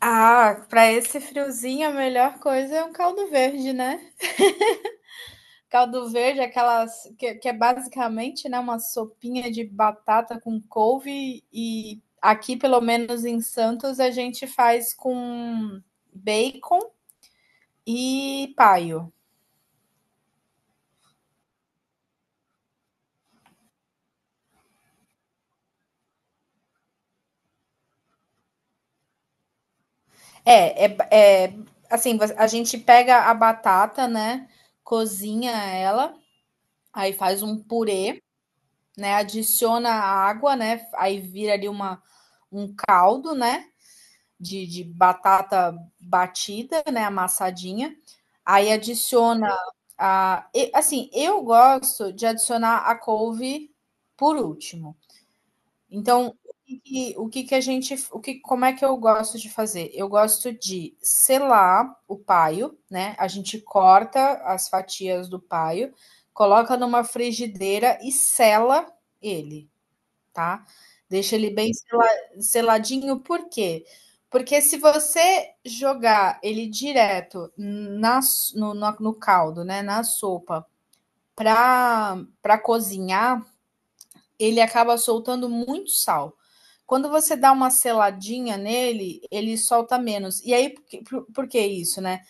Ah, para esse friozinho a melhor coisa é um caldo verde, né? Caldo verde, aquelas que é basicamente, né, uma sopinha de batata com couve e aqui, pelo menos em Santos, a gente faz com bacon e paio. É, é, é assim, a gente pega a batata, né, cozinha ela, aí faz um purê, né, adiciona a água, né, aí vira ali uma um caldo, né? De batata batida, né, amassadinha. Aí adiciona a, assim, eu gosto de adicionar a couve por último. Então, o que, que a gente, o que, como é que eu gosto de fazer? Eu gosto de selar o paio, né? A gente corta as fatias do paio, coloca numa frigideira e sela ele, tá? Deixa ele bem seladinho, por quê? Porque se você jogar ele direto na, s- no, na- no caldo, né, na sopa, para para cozinhar, ele acaba soltando muito sal. Quando você dá uma seladinha nele, ele solta menos. E aí, por que isso, né?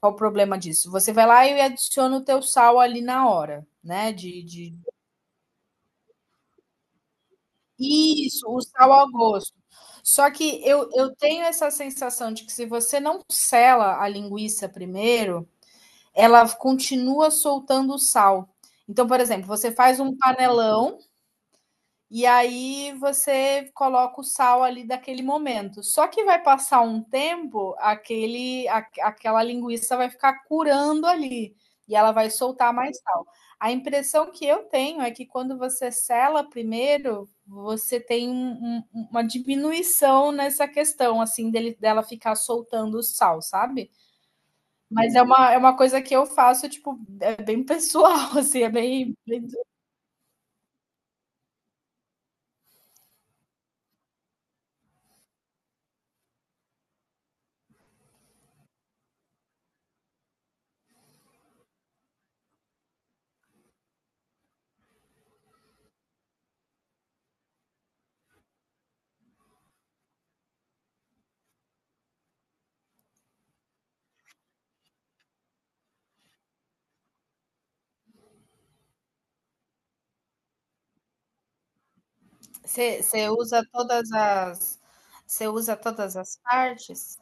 Qual o problema disso? Você vai lá e adiciona o teu sal ali na hora, né, de Isso, o sal ao gosto. Só que eu tenho essa sensação de que se você não sela a linguiça primeiro, ela continua soltando o sal. Então, por exemplo, você faz um panelão e aí você coloca o sal ali daquele momento. Só que vai passar um tempo, aquela linguiça vai ficar curando ali e ela vai soltar mais sal. A impressão que eu tenho é que quando você sela primeiro, você tem uma diminuição nessa questão, assim, dela ficar soltando o sal, sabe? Mas é é uma coisa que eu faço, tipo, é bem pessoal, assim, é bem, bem Você usa todas as você usa todas as partes?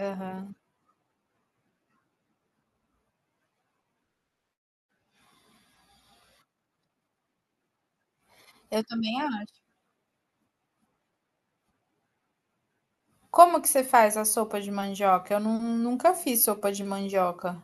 Aham. Eu também acho. Como que você faz a sopa de mandioca? Eu nunca fiz sopa de mandioca.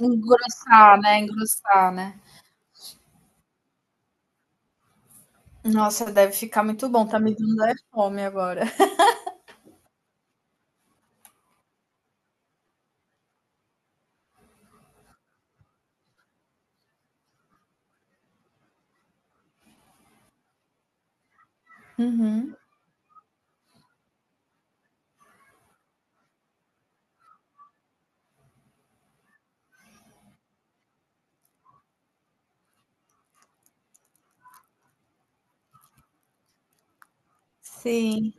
Engrossar, né, engrossar, né. Nossa, deve ficar muito bom, tá me dando é fome agora. Uhum. Sim.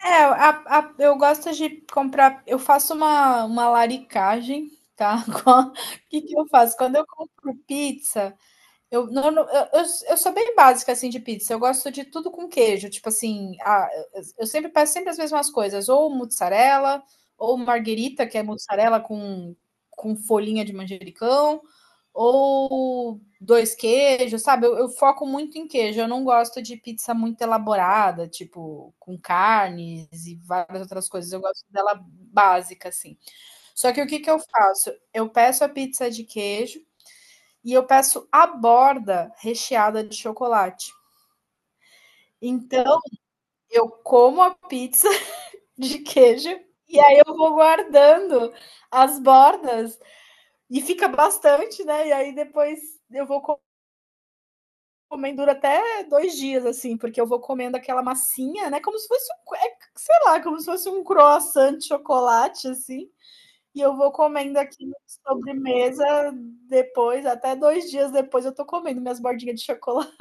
É, a eu gosto de comprar, eu faço uma laricagem, tá. Qua Que eu faço? Quando eu compro pizza, Eu, não, eu sou bem básica assim de pizza. Eu gosto de tudo com queijo. Tipo assim, eu sempre peço sempre as mesmas coisas, ou mozzarella, ou marguerita, que é mozzarella com folhinha de manjericão, ou dois queijos, sabe? Eu foco muito em queijo. Eu não gosto de pizza muito elaborada, tipo com carnes e várias outras coisas. Eu gosto dela básica assim. Só que o que que eu faço? Eu peço a pizza de queijo e eu peço a borda recheada de chocolate. Então, eu como a pizza de queijo e aí eu vou guardando as bordas e fica bastante, né? E aí depois eu vou comendo dura até dois dias, assim, porque eu vou comendo aquela massinha, né? Como se fosse um, é, sei lá, como se fosse um croissant de chocolate, assim. E eu vou comendo aqui na sobremesa depois, até dois dias depois eu tô comendo minhas bordinhas de chocolate.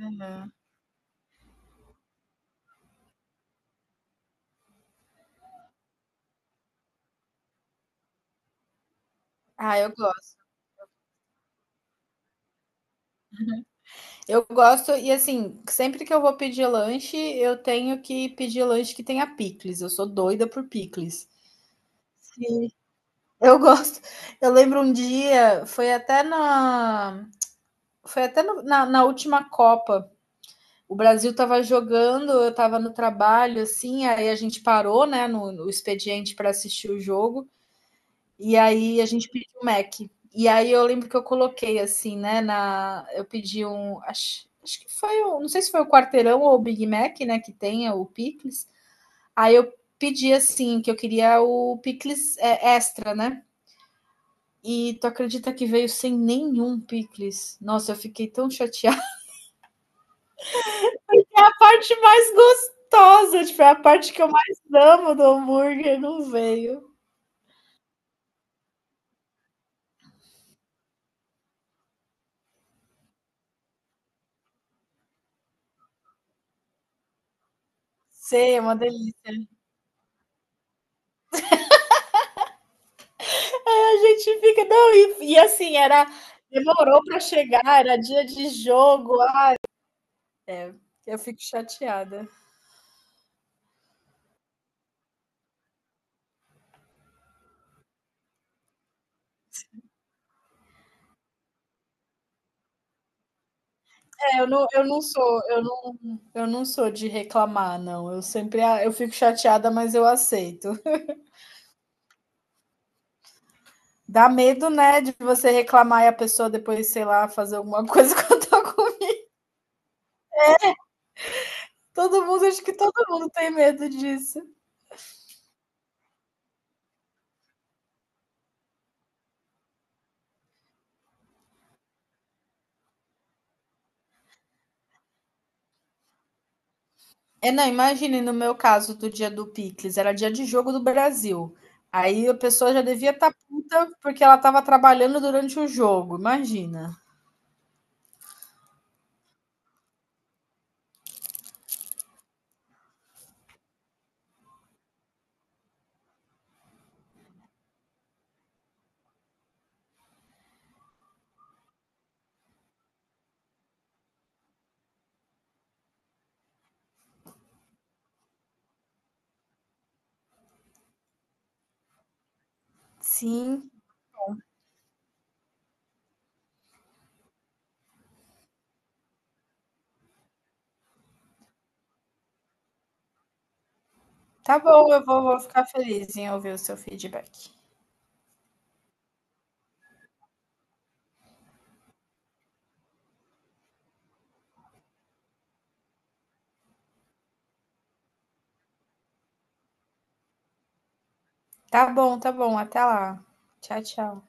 Uhum. Ah, eu gosto. Eu gosto, e assim, sempre que eu vou pedir lanche, eu tenho que pedir lanche que tenha picles. Eu sou doida por picles. Sim. Eu gosto. Eu lembro um dia, foi até na última Copa. O Brasil estava jogando, eu estava no trabalho, assim, aí a gente parou, né, no expediente para assistir o jogo. E aí a gente pediu um Mac. E aí eu lembro que eu coloquei assim, né? Eu pedi um. Acho que foi o. Não sei se foi o quarteirão ou o Big Mac, né? Que tem, é o pickles. Aí eu pedi assim, que eu queria o pickles, é, extra, né? E tu acredita que veio sem nenhum pickles? Nossa, eu fiquei tão chateada. A parte mais gostosa, tipo, é a parte que eu mais amo do hambúrguer não veio. Sei, é uma delícia. É, a gente fica, não, e assim, era, demorou para chegar, era dia de jogo. É, eu fico chateada. É, eu não, eu não sou, eu não, eu não sou de reclamar, não. Eu fico chateada, mas eu aceito. Dá medo, né, de você reclamar e a pessoa depois, sei lá, fazer alguma coisa contra a comida. Todo mundo, acho que todo mundo tem medo disso. É, não, imagine no meu caso do dia do picles, era dia de jogo do Brasil. Aí a pessoa já devia estar puta porque ela estava trabalhando durante o jogo, imagina. Sim, tá bom, eu vou, vou ficar feliz em ouvir o seu feedback. Tá bom, até lá. Tchau, tchau.